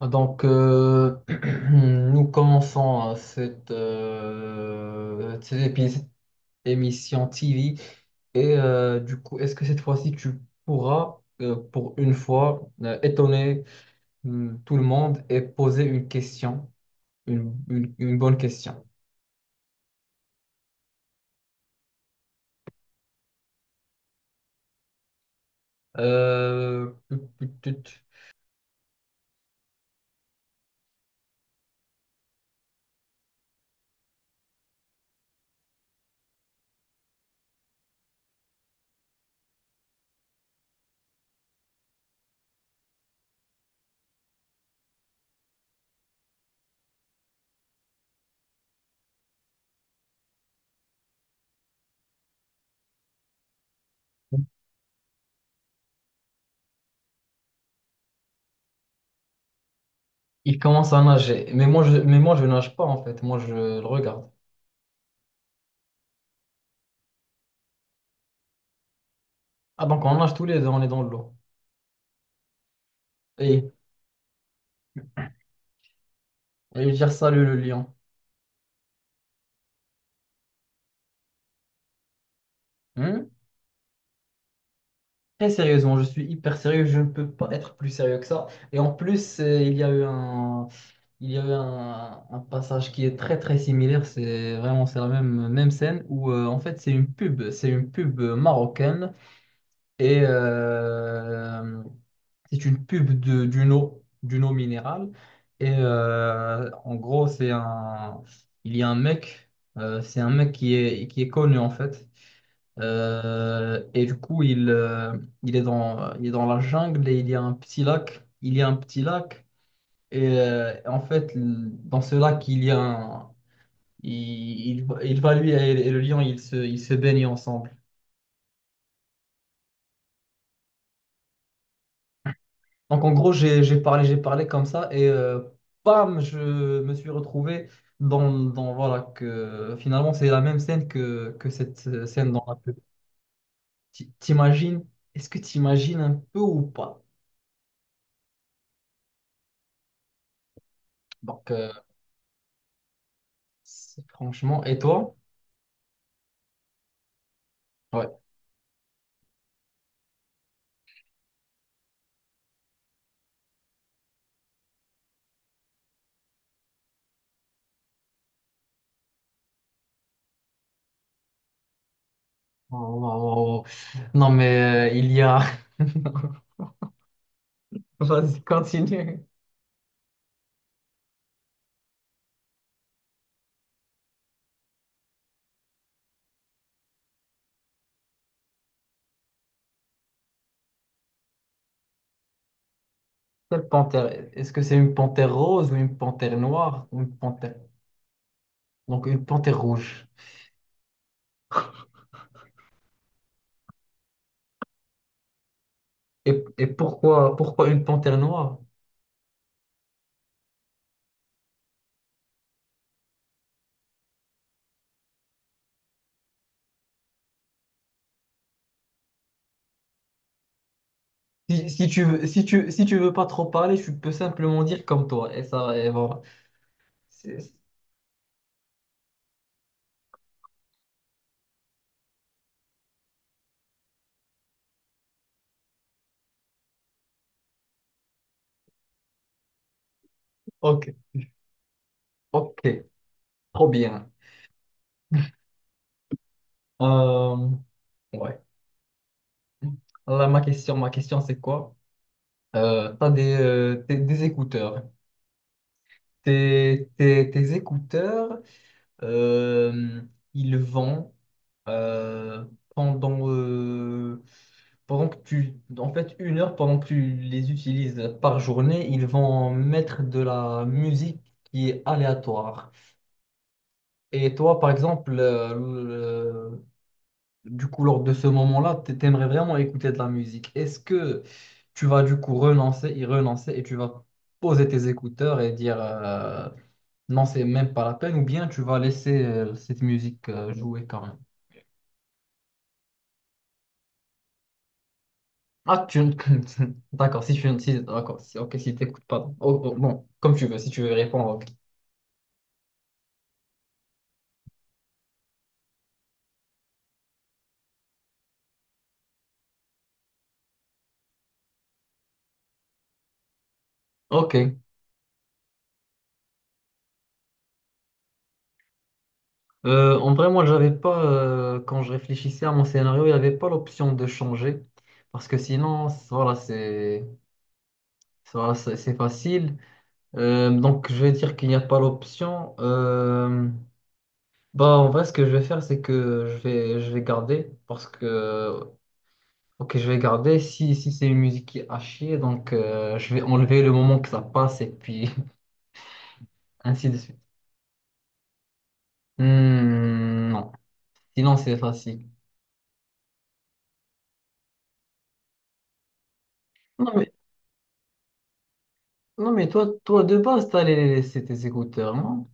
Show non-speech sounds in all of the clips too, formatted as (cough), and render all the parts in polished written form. Donc, (clears throat) nous commençons cette émission TV. Et du coup, est-ce que cette fois-ci, tu pourras, pour une fois, étonner tout le monde et poser une question, une bonne question? Euh, tut, tut, tut. Il commence à nager, mais moi, je nage pas en fait, moi, je le regarde. Ah, donc on nage tous les deux, on est dans l'eau. Et Et dire salut le lion. Hmm. Très sérieusement, je suis hyper sérieux, je ne peux pas être plus sérieux que ça. Et en plus, il y a eu un passage qui est très très similaire. C'est la même scène où en fait c'est une pub marocaine et c'est une pub d'une eau minérale. Et en gros, il y a un mec, c'est un mec qui est connu en fait. Et du coup, il est dans la jungle et il y a un petit lac. Il y a un petit lac. Et en fait, dans ce lac, il y a un- il va lui et le lion, ils se baignent ensemble. Donc en gros, j'ai parlé comme ça et bam, je me suis retrouvé dans voilà que finalement c'est la même scène que cette scène dans la pub. T'imagines? Est-ce que t'imagines un peu ou pas? Donc euh, C'est- Franchement, et toi? Ouais. Oh, oh. Non, mais il y a. (laughs) Vas-y, continue. Quelle panthère? Est-ce que c'est une panthère rose ou une panthère noire ou une panthère... Donc une panthère rouge. Et pourquoi, pourquoi une panthère noire? Si, si tu veux pas trop parler, tu peux simplement dire comme toi. Et ça, et voilà. C'est- Ok, ok, trop bien. Euh, ouais. Là, ma question, c'est quoi? Des écouteurs. Tes écouteurs, euh, ils vont euh, pendant, euh, pendant que tu... En fait, une heure pendant que tu les utilises par journée, ils vont mettre de la musique qui est aléatoire. Et toi, par exemple, du coup, lors de ce moment-là, t'aimerais vraiment écouter de la musique. Est-ce que tu vas du coup renoncer, y renoncer et tu vas poser tes écouteurs et dire non, c'est même pas la peine ou bien tu vas laisser cette musique jouer quand même? Ah, tu... (laughs) D'accord, si tu... Si, d'accord, si, ok, si t'écoutes pas. Oh, oh, bon, comme tu veux, si tu veux répondre, ok. Ok. En vrai, moi, j'avais pas, quand je réfléchissais à mon scénario, il n'y avait pas l'option de changer parce que sinon, voilà, c'est voilà, c'est facile. Donc, je vais dire qu'il n'y a pas l'option. Bah, en vrai, ce que je vais faire, c'est que je vais garder parce que, ok, je vais garder. Si, si c'est une musique qui est à chier, donc je vais enlever le moment que ça passe et puis (laughs) ainsi de suite. Hmm, non, sinon c'est facile. Non, non, mais toi, toi de base, t'as les- c'est tes écouteurs, non?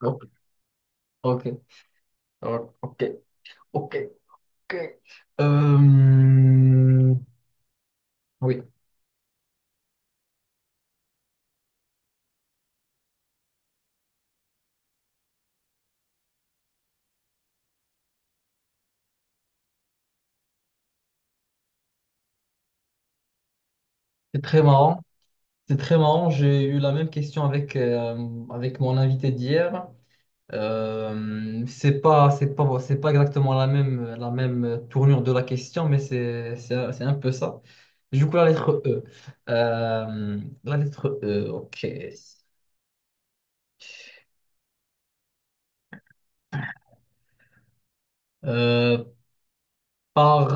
Ok, ok, ok, ok. Ok. Euh, oui, c'est très marrant. C'est très marrant, j'ai eu la même question avec, avec mon invité d'hier. C'est pas exactement la même tournure de la question, mais c'est un peu ça. Du coup, la lettre E. La lettre E, ok. Euh,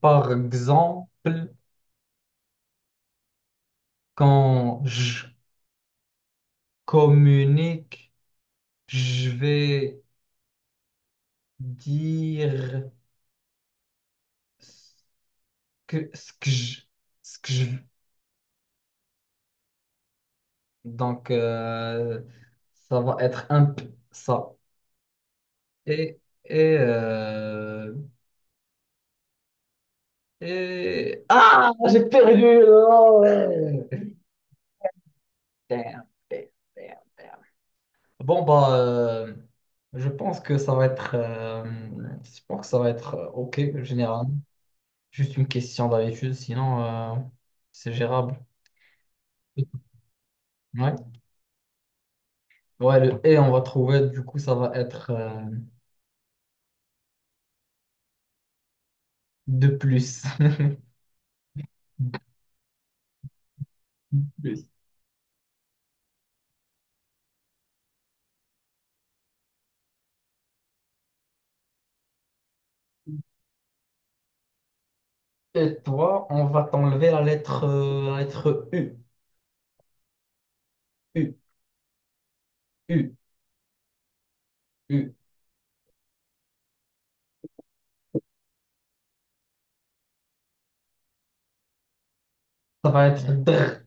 par exemple, quand je communique, je vais dire ce que, ce que je, ce que je, donc, ça va être un peu ça. Et, et, euh, et... Ah, j'ai perdu! Oh, ouais. Damn, damn, damn. Bon, bah, je pense que ça va être... je pense que ça va être OK, généralement. Juste une question d'habitude, sinon, c'est gérable. Ouais. Ouais, le et on va trouver, du coup, ça va être de plus. (laughs) De plus. Et toi, on va t'enlever la lettre U. U, U, U. Ça va être dr.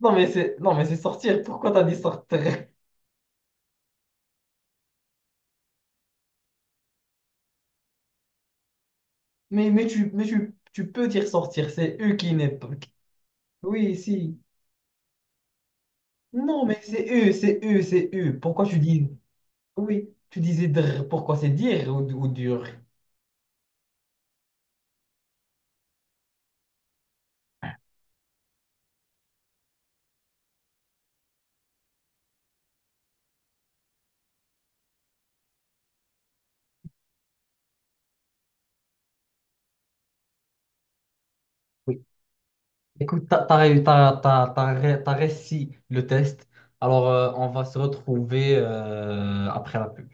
Non, non, mais c'est sortir. Pourquoi t'as dit sortir? Mais, tu peux dire sortir. C'est U qui n'est pas. Oui, si. Non, c'est U. Pourquoi tu dis. Oui, tu disais dr. Pourquoi c'est dire ou dur? Oui. Écoute, t'as t'as réussi le test. Alors, on va se retrouver après la pub.